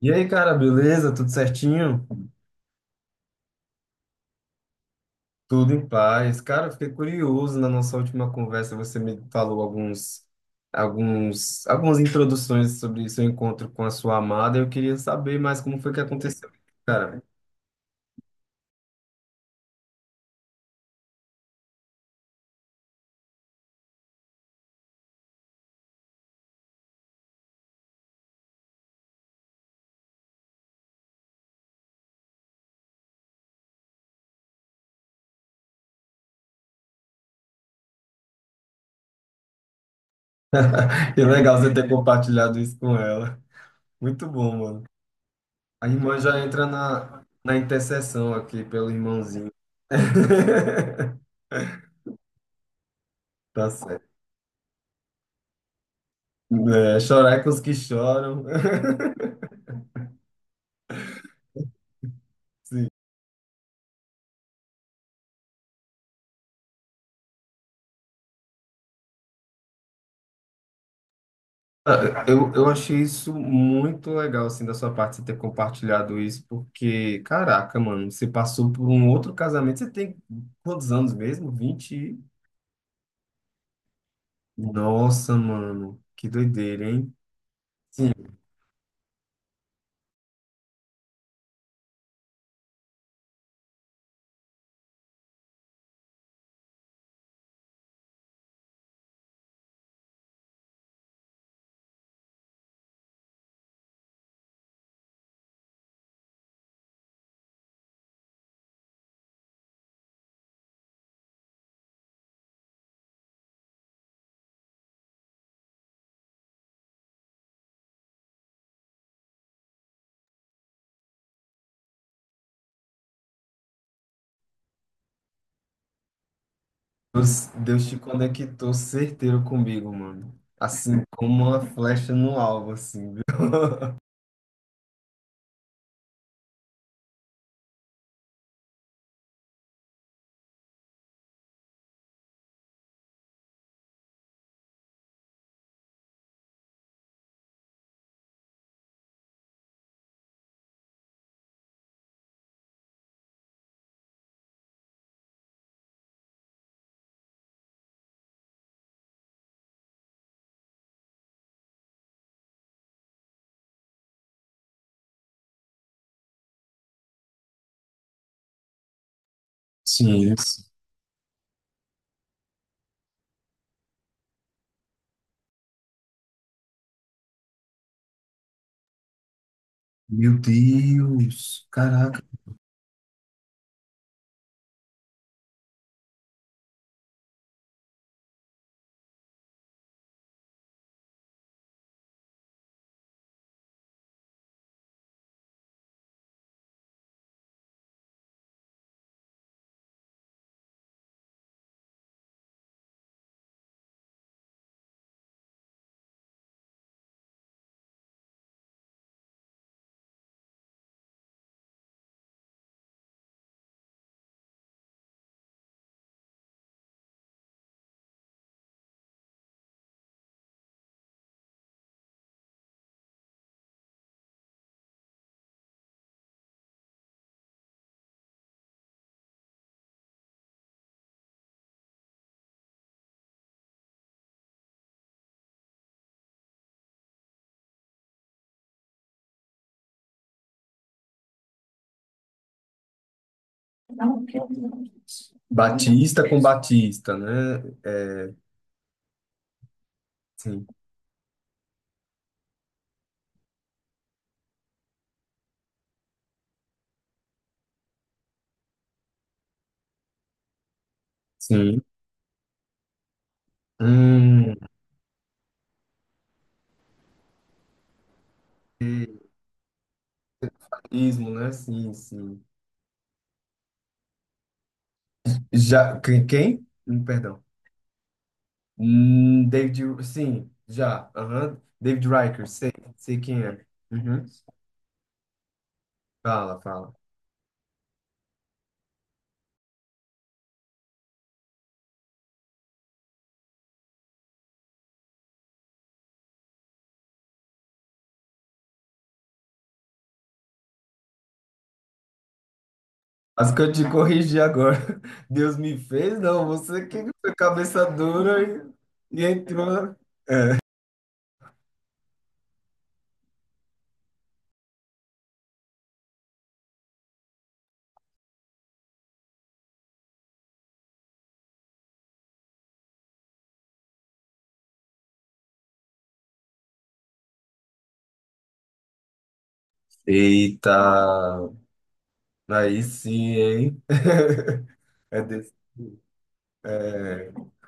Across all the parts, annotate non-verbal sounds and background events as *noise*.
E aí, cara, beleza? Tudo certinho? Tudo em paz. Cara, eu fiquei curioso na nossa última conversa, você me falou algumas introduções sobre seu encontro com a sua amada. Eu queria saber mais como foi que aconteceu, cara. *laughs* Que legal você ter compartilhado isso com ela. Muito bom, mano. A irmã já entra na intercessão aqui pelo irmãozinho. *laughs* Tá certo. É, chorar é com os que choram. *laughs* Sim. Ah, eu achei isso muito legal, assim, da sua parte, você ter compartilhado isso, porque, caraca, mano, você passou por um outro casamento, você tem quantos anos mesmo? Vinte e- Nossa, mano, que doideira, hein? Sim, Deus te conectou certeiro comigo, mano. Assim, como uma flecha no alvo, assim, viu? *laughs* Sim, isso. Meu Deus, caraca. Batista com Batista, né? Sim, sim. Hum, e- ismo, né? Sim, sim. Já, quem? Quem? Perdão. David, sim, já. Aham. David Riker, sei, sei quem é. Uhum. Fala, fala. As que eu te corrigi agora. *laughs* Deus me fez, não, você que foi cabeça dura e entrou. Eita, aí sim, hein? *laughs* É desse.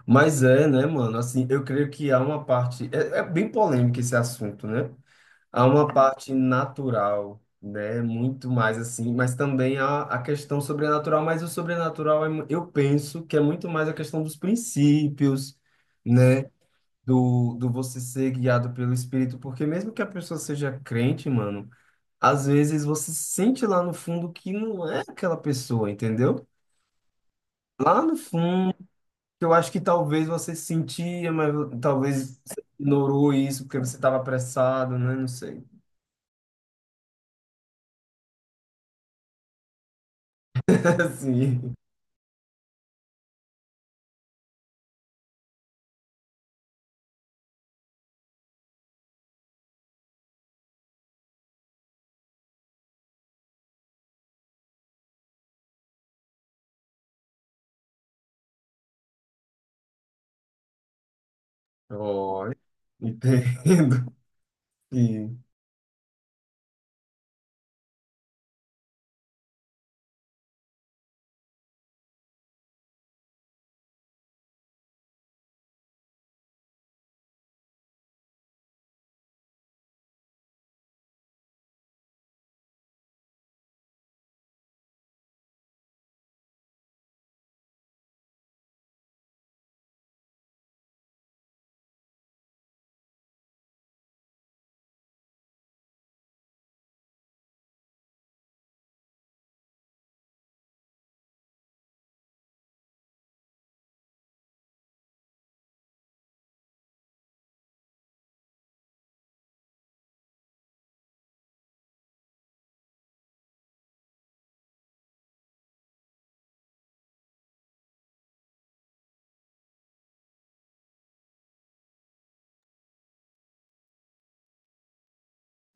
Mas é, né, mano? Assim, eu creio que há uma parte. É, é bem polêmico esse assunto, né? Há uma parte natural, né? Muito mais assim, mas também há a questão sobrenatural, mas o sobrenatural é mu- eu penso que é muito mais a questão dos princípios, né? Do você ser guiado pelo Espírito, porque mesmo que a pessoa seja crente, mano, às vezes você sente lá no fundo que não é aquela pessoa, entendeu? Lá no fundo, eu acho que talvez você sentia, mas talvez você ignorou isso porque você estava apressado, né? Não sei. *laughs* Assim. Ó, entendo. *laughs* E...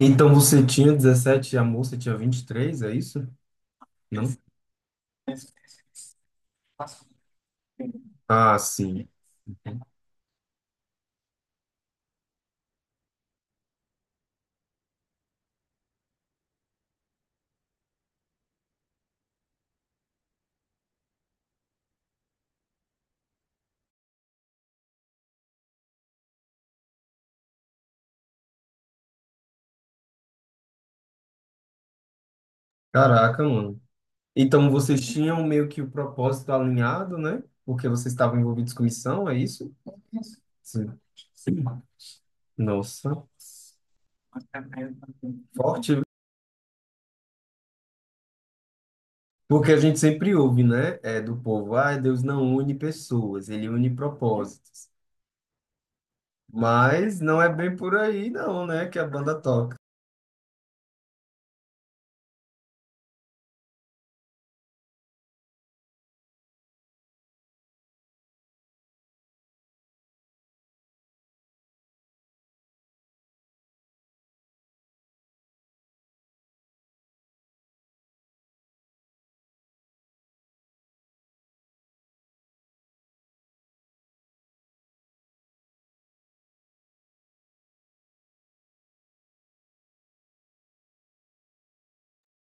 Então você tinha 17 e a moça tinha 23, é isso? Não? Ah, sim. Caraca, mano. Então vocês tinham meio que o propósito alinhado, né? Porque vocês estavam envolvidos com missão, é isso? Sim. Sim. Nossa. Forte. Porque a gente sempre ouve, né? É, do povo, ah, Deus não une pessoas, ele une propósitos. Mas não é bem por aí, não, né? Que a banda.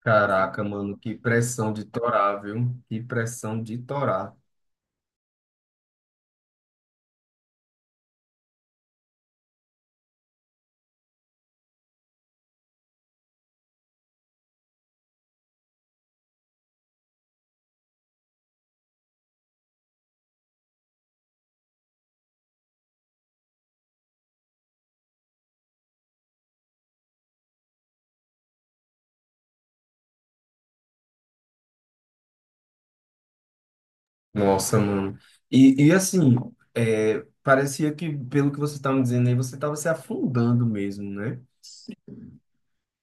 Caraca, mano, que pressão de torar, viu? Que pressão de torar. Nossa, mano. E assim, é, parecia que, pelo que você tá me dizendo aí, você tava se afundando mesmo, né?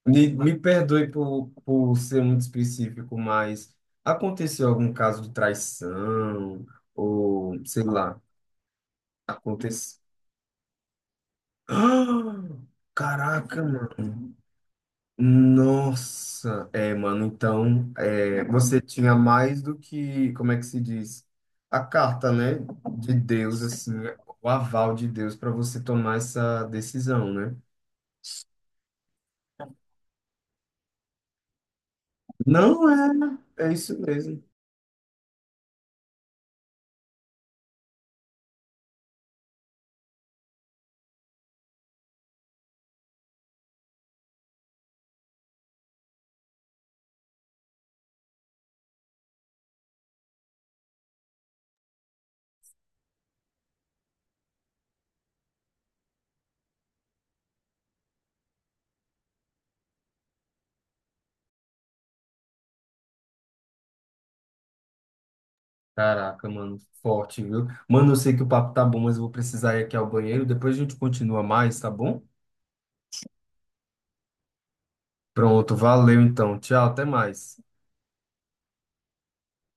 Me perdoe por ser muito específico, mas aconteceu algum caso de traição? Ou, sei lá, aconteceu. *gasps* Caraca, mano. Nossa, é, mano, então, é, você tinha mais do que, como é que se diz? A carta, né, de Deus, assim, o aval de Deus para você tomar essa decisão, né? Não é, é isso mesmo. Caraca, mano, forte, viu? Mano, eu sei que o papo tá bom, mas eu vou precisar ir aqui ao banheiro, depois a gente continua mais, tá bom? Pronto, valeu então. Tchau, até mais.